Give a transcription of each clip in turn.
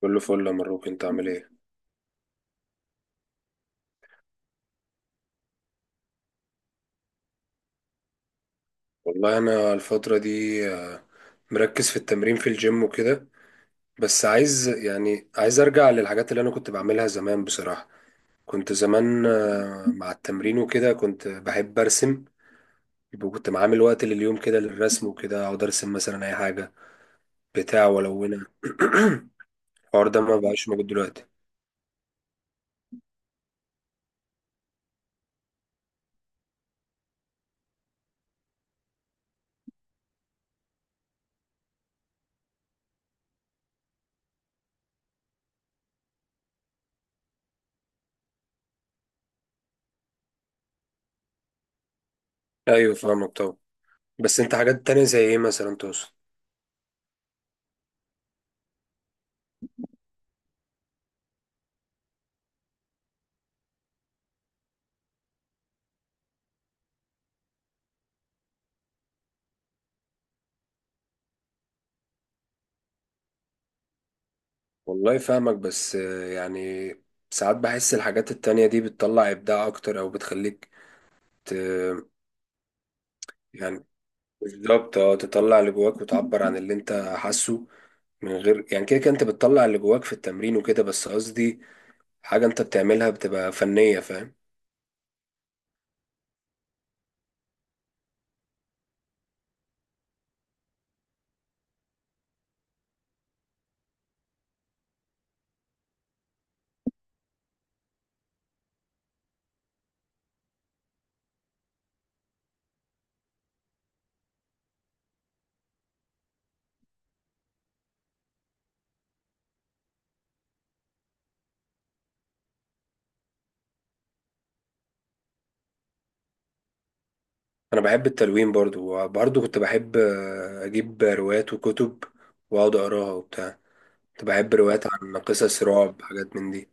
كله فل يا مروك، انت عامل ايه؟ والله انا الفترة دي آه، مركز في التمرين في الجيم وكده. بس عايز، يعني عايز ارجع للحاجات اللي انا كنت بعملها زمان بصراحة. كنت زمان مع التمرين وكده كنت بحب ارسم. يبقى كنت عامل وقت لليوم كده للرسم وكده، اقعد ارسم مثلا اي حاجة بتاع والونها. الحوار ده ما بقاش موجود دلوقتي. ايوه فاهمك طبعا، بس انت حاجات تانية زي ايه مثلا تقصد؟ والله فاهمك، بس يعني ساعات بحس الحاجات التانية دي بتطلع إبداع أكتر أو بتخليك ت... يعني بالظبط، اه تطلع اللي جواك وتعبر عن اللي أنت حاسه من غير، يعني كده كده أنت بتطلع اللي جواك في التمرين وكده، بس قصدي حاجة أنت بتعملها بتبقى فنية، فاهم؟ أنا بحب التلوين برضو، وبرضو كنت بحب أجيب روايات وكتب وأقعد أقراها وبتاع. كنت بحب روايات عن قصص رعب، حاجات من دي.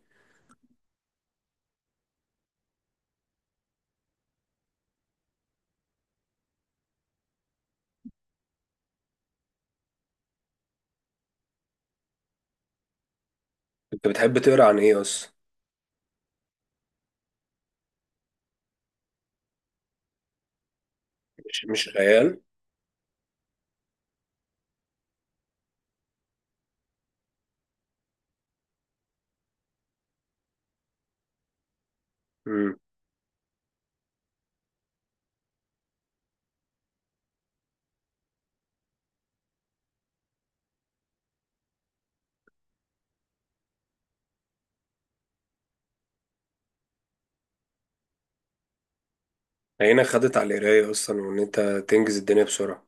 أنت بتحب تقرا عن إيه أصلا؟ مش خيال. هنا خدت على القراية أصلا، وإن أنت تنجز الدنيا بسرعة.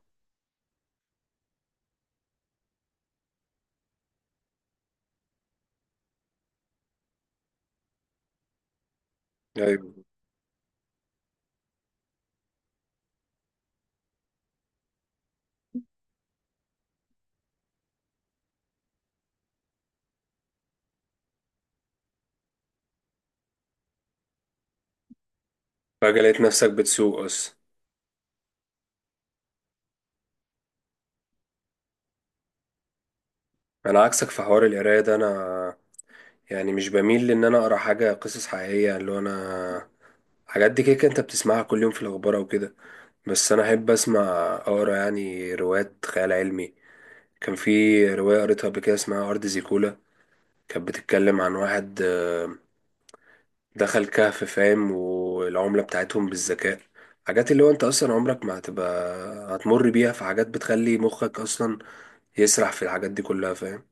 أيوة. فجأة لقيت نفسك بتسوق أصلا. أنا عكسك في حوار القراية ده. أنا يعني مش بميل لإن أنا أقرأ حاجة قصص حقيقية، اللي هو أنا حاجات دي كده كده أنت بتسمعها كل يوم في الأخبار أو كده. بس أنا أحب أسمع، أقرأ يعني روايات خيال علمي. كان في رواية قريتها قبل كده اسمها أرض زيكولا. كانت بتتكلم عن واحد دخل كهف، فاهم، والعملة بتاعتهم بالذكاء. حاجات اللي هو انت اصلا عمرك ما هتبقى هتمر بيها، في حاجات بتخلي مخك اصلا يسرح في الحاجات دي كلها، فاهم؟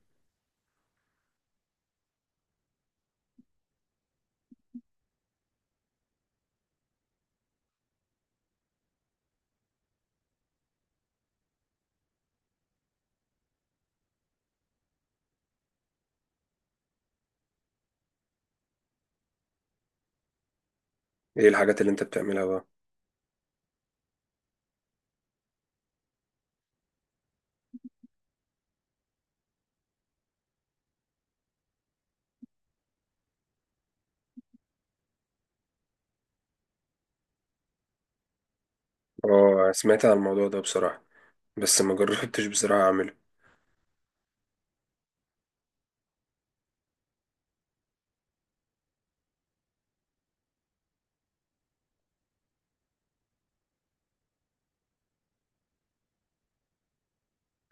ايه الحاجات اللي انت بتعملها بقى؟ اه، سمعت عن الموضوع ده بصراحة، بس ما جربتش بصراحة اعمله.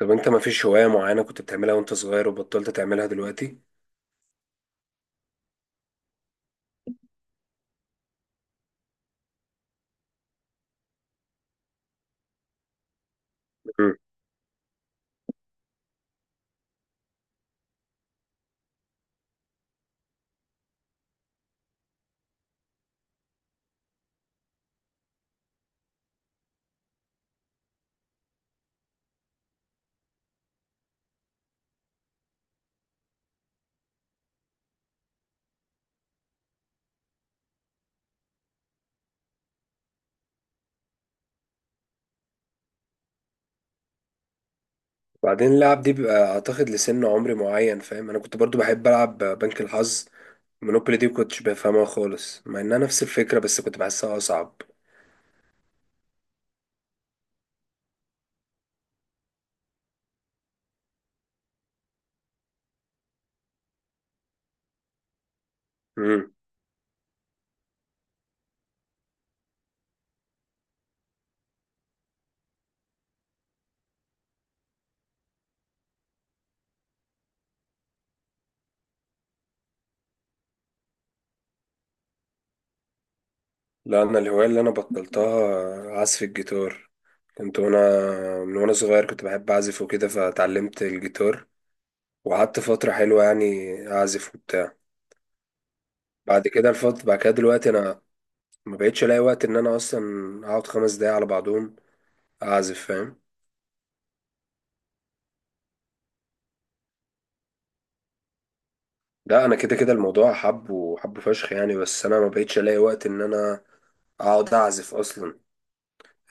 طب انت ما فيش هواية معينة كنت بتعملها وانت صغير وبطلت تعملها دلوقتي؟ مم. بعدين اللعب دي بيبقى اعتقد لسن عمري معين، فاهم. انا كنت برضو بحب العب بنك الحظ. مونوبولي دي كنتش بفهمها خالص، مع انها نفس الفكرة بس كنت بحسها اصعب. مم. لا، انا الهوايه اللي انا بطلتها عزف الجيتار. كنت وانا، من وانا صغير كنت بحب اعزف وكده، فتعلمت الجيتار وقعدت فتره حلوه يعني اعزف وبتاع. بعد كده الفتره، بعد كده دلوقتي انا ما بقتش الاقي وقت ان انا اصلا اقعد خمس دقايق على بعضهم اعزف، فاهم. لا انا كده كده الموضوع حب وحب فشخ يعني، بس انا ما بقتش الاقي وقت ان انا اقعد اعزف اصلا.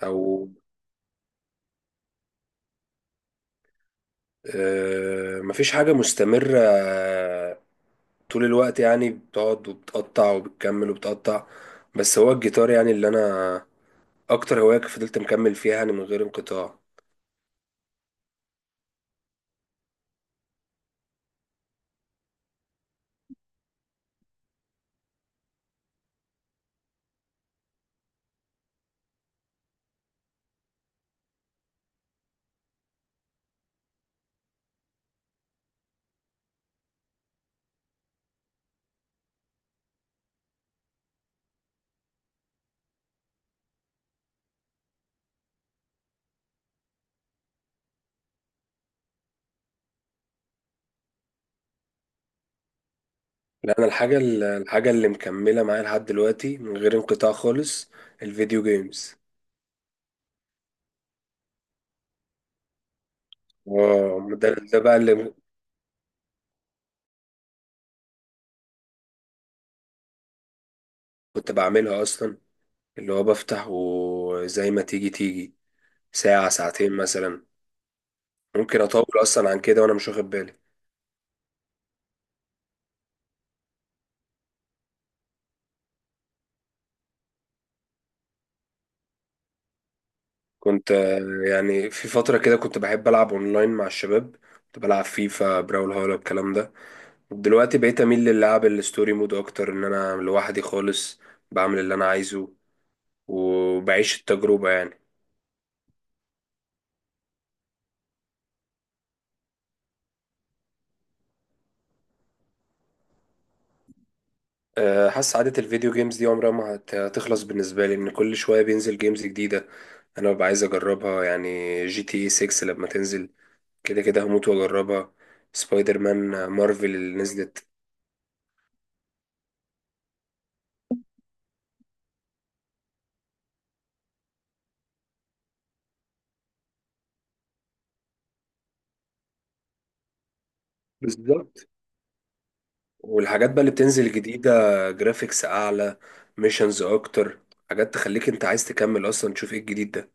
او مفيش حاجه مستمره طول الوقت، يعني بتقعد وبتقطع وبتكمل وبتقطع، بس هو الجيتار يعني اللي انا اكتر هواية فضلت مكمل فيها يعني من غير انقطاع. لا، انا الحاجة الحاجة اللي مكملة معايا لحد دلوقتي من غير انقطاع خالص، الفيديو جيمز. واو، ده بقى اللي كنت بعملها اصلا، اللي هو بفتح وزي ما تيجي تيجي، ساعة ساعتين مثلا. ممكن اطول اصلا عن كده وانا مش واخد بالي. كنت يعني في فترة كده كنت بحب ألعب أونلاين مع الشباب. كنت بلعب فيفا، براول هولا، الكلام ده. دلوقتي بقيت أميل للعب الستوري مود أكتر، إن أنا لوحدي خالص بعمل اللي أنا عايزه وبعيش التجربة يعني. حاسس عادة الفيديو جيمز دي عمرها ما هتخلص بالنسبة لي، إن كل شوية بينزل جيمز جديدة أنا ببقى عايز أجربها يعني. جي تي اي 6 لما تنزل كده كده هموت وأجربها. سبايدر مان مارفل اللي نزلت. بالظبط. والحاجات بقى اللي بتنزل جديدة، جرافيكس أعلى، ميشنز أكتر، حاجات تخليك أنت عايز تكمل أصلا تشوف إيه الجديد ده.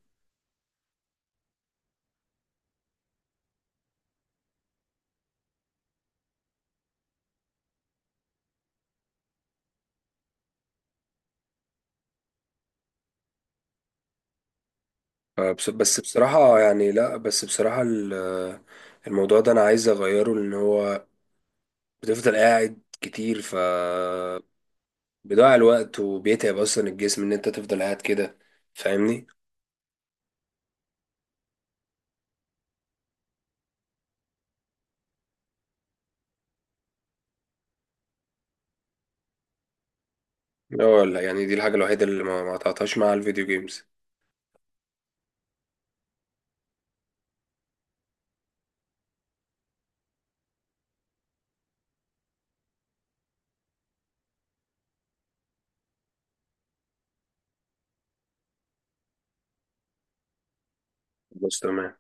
بس بصراحة يعني، لأ بس بصراحة الموضوع ده أنا عايز أغيره، لأن هو بتفضل قاعد كتير، ف بيضيع الوقت وبيتعب أصلا الجسم إن أنت تفضل قاعد كده، فاهمني؟ اه لا، ولا يعني دي الحاجة الوحيدة اللي ما قطعتهاش مع الفيديو جيمز. بس تمام.